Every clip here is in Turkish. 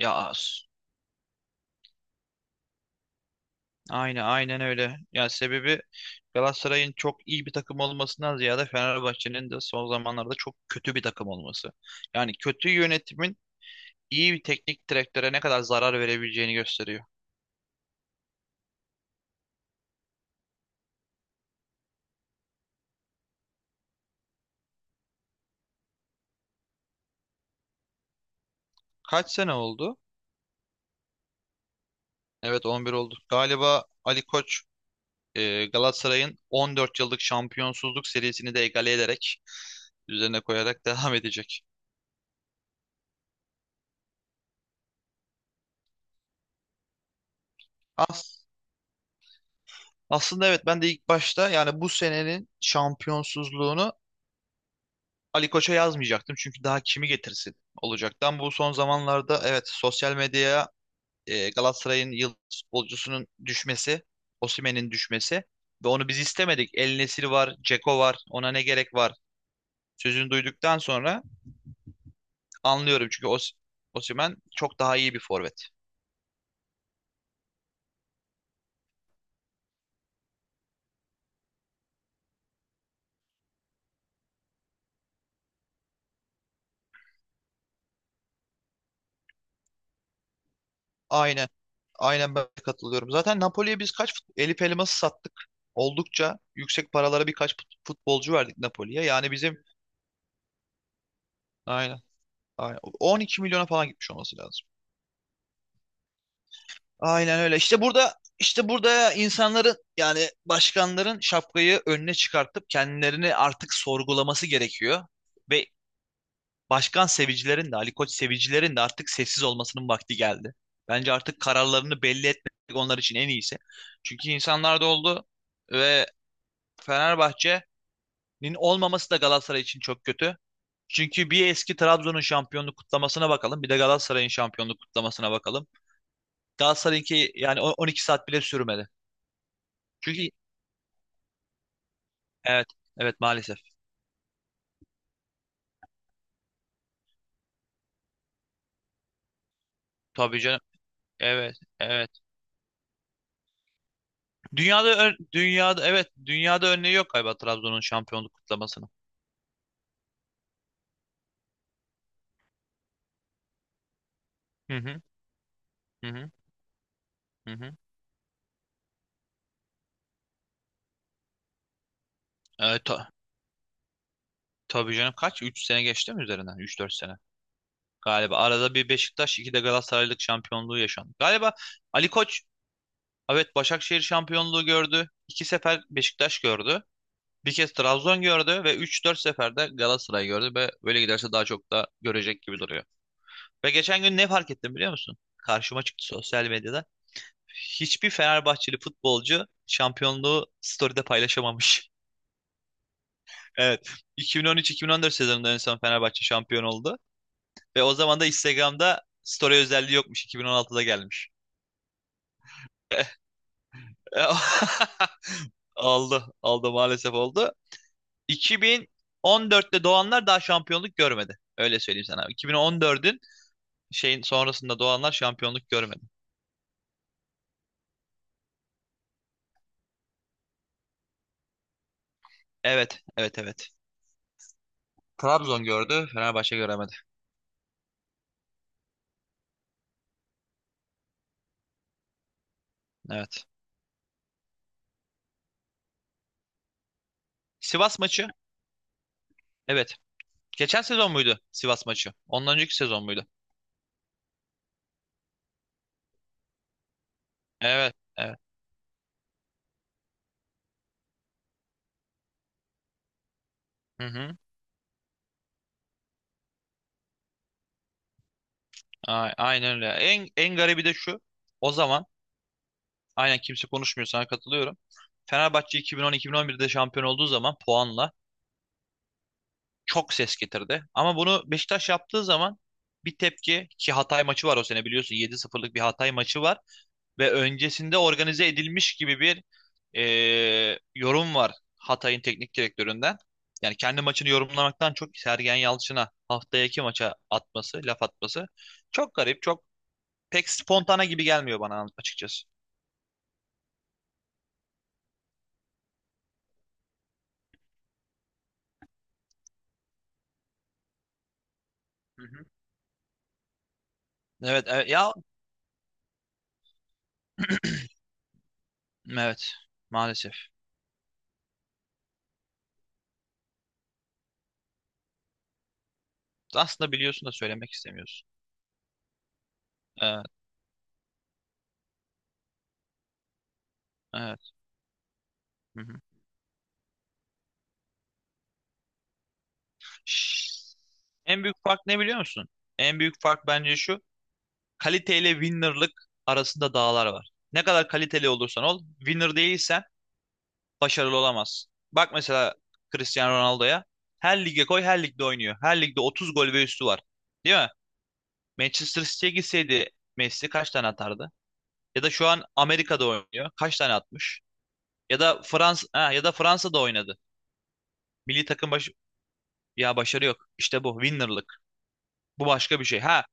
Ya as- aynı aynen öyle. Ya sebebi Galatasaray'ın çok iyi bir takım olmasından ziyade Fenerbahçe'nin de son zamanlarda çok kötü bir takım olması. Yani kötü yönetimin iyi bir teknik direktöre ne kadar zarar verebileceğini gösteriyor. Kaç sene oldu? Evet, 11 oldu. Galiba Ali Koç Galatasaray'ın 14 yıllık şampiyonsuzluk serisini de egale ederek üzerine koyarak devam edecek. As- Aslında evet, ben de ilk başta yani bu senenin şampiyonsuzluğunu Ali Koç'a yazmayacaktım çünkü daha kimi getirsin olacaktı. Ama bu son zamanlarda evet, sosyal medyaya Galatasaray'ın yıldız futbolcusunun düşmesi, Osimhen'in düşmesi ve onu biz istemedik. El Nesiri var, Ceko var, ona ne gerek var sözünü duyduktan sonra anlıyorum çünkü Osimhen çok daha iyi bir forvet. Aynen. Aynen, ben de katılıyorum. Zaten Napoli'ye biz Elif Elmas'ı sattık. Oldukça yüksek paralara birkaç futbolcu verdik Napoli'ye. Yani bizim Aynen. Aynen. 12 milyona falan gitmiş olması lazım. Aynen öyle. İşte burada insanların yani başkanların şapkayı önüne çıkartıp kendilerini artık sorgulaması gerekiyor. Ve başkan sevicilerin de Ali Koç sevicilerin de artık sessiz olmasının vakti geldi. Bence artık kararlarını belli etmek onlar için en iyisi. Çünkü insanlar da oldu ve Fenerbahçe'nin olmaması da Galatasaray için çok kötü. Çünkü bir eski Trabzon'un şampiyonluk kutlamasına bakalım, bir de Galatasaray'ın şampiyonluk kutlamasına bakalım. Galatasaray'ınki yani 12 saat bile sürmedi. Çünkü evet, evet, maalesef. Tabii canım. Evet, evet. Dünyada ön- dünyada Evet, dünyada örneği yok galiba Trabzon'un şampiyonluk kutlamasının. Hı hı hı hı. Hı hı. Evet, tabii canım, kaç, 3 sene geçti mi üzerinden? 3-4 sene. Galiba arada bir Beşiktaş, iki de Galatasaraylık şampiyonluğu yaşandı. Galiba Ali Koç evet, Başakşehir şampiyonluğu gördü. İki sefer Beşiktaş gördü. Bir kez Trabzon gördü ve 3-4 sefer de Galatasaray gördü ve böyle giderse daha çok da görecek gibi duruyor. Ve geçen gün ne fark ettim biliyor musun? Karşıma çıktı sosyal medyada. Hiçbir Fenerbahçeli futbolcu şampiyonluğu story'de paylaşamamış. Evet. 2013-2014 sezonunda en son Fenerbahçe şampiyon oldu. Ve o zaman da Instagram'da story özelliği yokmuş. 2016'da gelmiş. Oldu. Oldu, maalesef oldu. 2014'te doğanlar daha şampiyonluk görmedi. Öyle söyleyeyim sana. 2014'ün sonrasında doğanlar şampiyonluk görmedi. Evet, evet, evet. Trabzon gördü, Fenerbahçe göremedi. Evet. Sivas maçı. Evet. Geçen sezon muydu Sivas maçı? Ondan önceki sezon muydu? Evet. Evet. Hı hı. Aynen öyle. En garibi de şu. O zaman aynen kimse konuşmuyor, sana katılıyorum. Fenerbahçe 2010-2011'de şampiyon olduğu zaman puanla çok ses getirdi. Ama bunu Beşiktaş yaptığı zaman bir tepki, ki Hatay maçı var o sene, biliyorsun 7-0'lık bir Hatay maçı var. Ve öncesinde organize edilmiş gibi bir e, yorum var Hatay'ın teknik direktöründen. Yani kendi maçını yorumlamaktan çok Sergen Yalçın'a haftaki maça atması, laf atması çok garip, çok pek spontane gibi gelmiyor bana açıkçası. Hı hı. Evet, evet ya, evet, maalesef. Aslında biliyorsun da söylemek istemiyorsun. Evet, evet. Hı hı. Şşş. En büyük fark ne biliyor musun? En büyük fark bence şu: kaliteyle winner'lık arasında dağlar var. Ne kadar kaliteli olursan ol, winner değilsen başarılı olamazsın. Bak mesela Cristiano Ronaldo'ya. Her lige koy, her ligde oynuyor. Her ligde 30 gol ve üstü var. Değil mi? Manchester City'ye gitseydi Messi kaç tane atardı? Ya da şu an Amerika'da oynuyor. Kaç tane atmış? Ya da Fransa'da oynadı. Milli takım baş Ya, başarı yok. İşte bu winner'lık. Bu başka bir şey. Ha,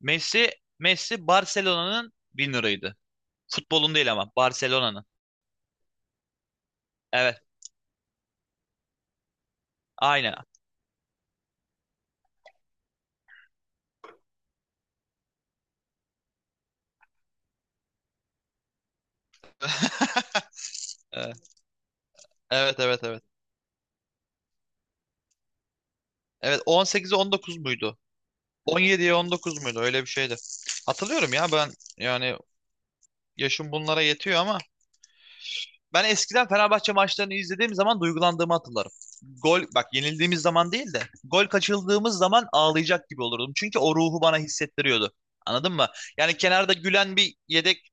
Messi Messi Barcelona'nın winner'ıydı. Futbolun değil ama Barcelona'nın. Evet. Aynen. Evet, evet, evet. Evet, evet, 18'e 19 muydu? 17'ye 19 muydu? Öyle bir şeydi. Hatırlıyorum ya, ben yani yaşım bunlara yetiyor ama ben eskiden Fenerbahçe maçlarını izlediğim zaman duygulandığımı hatırlarım. Gol, bak, yenildiğimiz zaman değil de gol kaçırdığımız zaman ağlayacak gibi olurdum. Çünkü o ruhu bana hissettiriyordu. Anladın mı? Yani kenarda gülen bir yedek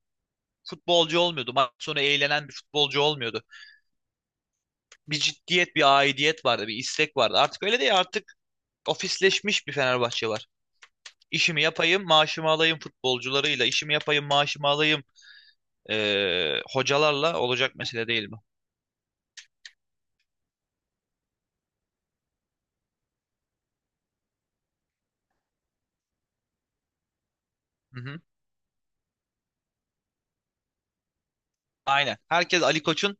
futbolcu olmuyordu. Maç sonu eğlenen bir futbolcu olmuyordu. Bir ciddiyet, bir aidiyet vardı, bir istek vardı. Artık öyle değil. Artık ofisleşmiş bir Fenerbahçe var. İşimi yapayım, maaşımı alayım futbolcularıyla, işimi yapayım, maaşımı alayım hocalarla olacak mesele, değil mi? Hı hı. Aynen. Herkes Ali Koç'un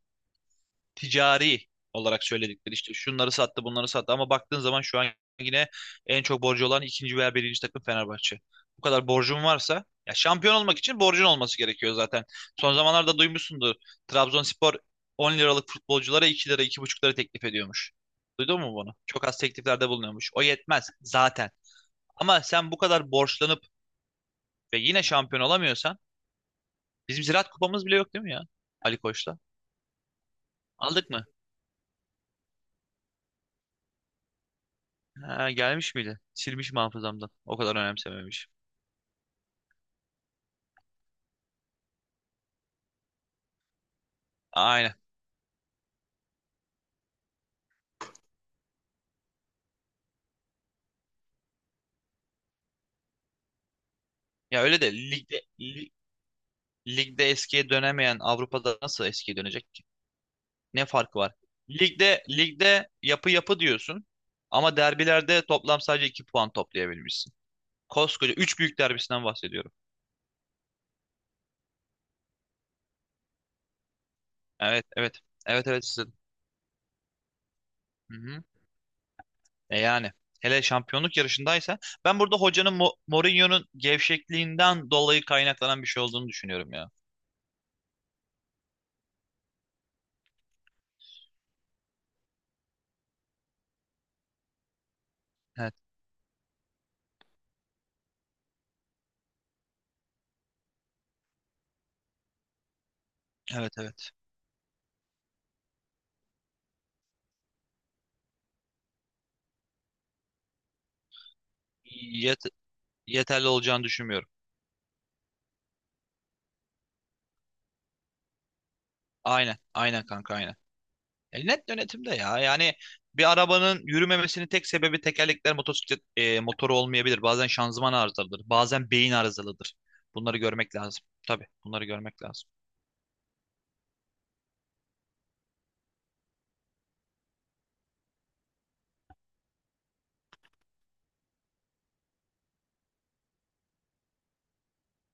ticari olarak söyledikleri, işte şunları sattı, bunları sattı, ama baktığın zaman şu an yine en çok borcu olan ikinci veya birinci takım Fenerbahçe. Bu kadar borcun varsa, ya şampiyon olmak için borcun olması gerekiyor zaten. Son zamanlarda duymuşsundur. Trabzonspor 10 liralık futbolculara 2 lira 2,5 lira teklif ediyormuş. Duydun mu bunu? Çok az tekliflerde bulunuyormuş. O yetmez zaten. Ama sen bu kadar borçlanıp ve yine şampiyon olamıyorsan, bizim Ziraat Kupamız bile yok, değil mi ya? Ali Koçla Aldık mı? Ha, gelmiş miydi? Silmişim hafızamdan. O kadar önemsememişim. Aynen. Ya öyle de ligde eskiye dönemeyen Avrupa'da nasıl eskiye dönecek ki? Ne farkı var? Ligde yapı yapı diyorsun ama derbilerde toplam sadece 2 puan toplayabilmişsin. Koskoca 3 büyük derbisinden bahsediyorum. Evet, evet. Evet, evet sizin. Hı hı. Yani, hele şampiyonluk yarışındaysa, ben burada hocanın Mourinho'nun gevşekliğinden dolayı kaynaklanan bir şey olduğunu düşünüyorum ya. Evet, evet, evet. Yeterli olacağını düşünmüyorum. Aynen, aynen kanka, aynen. Net yönetimde ya. Yani bir arabanın yürümemesinin tek sebebi tekerlekler, motosiklet motoru olmayabilir. Bazen şanzıman arızalıdır. Bazen beyin arızalıdır. Bunları görmek lazım. Tabii bunları görmek lazım.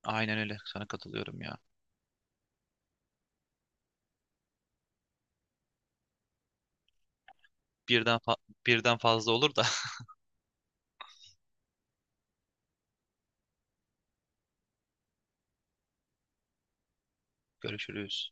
Aynen öyle. Sana katılıyorum ya. Birden fa- Birden fazla olur da görüşürüz.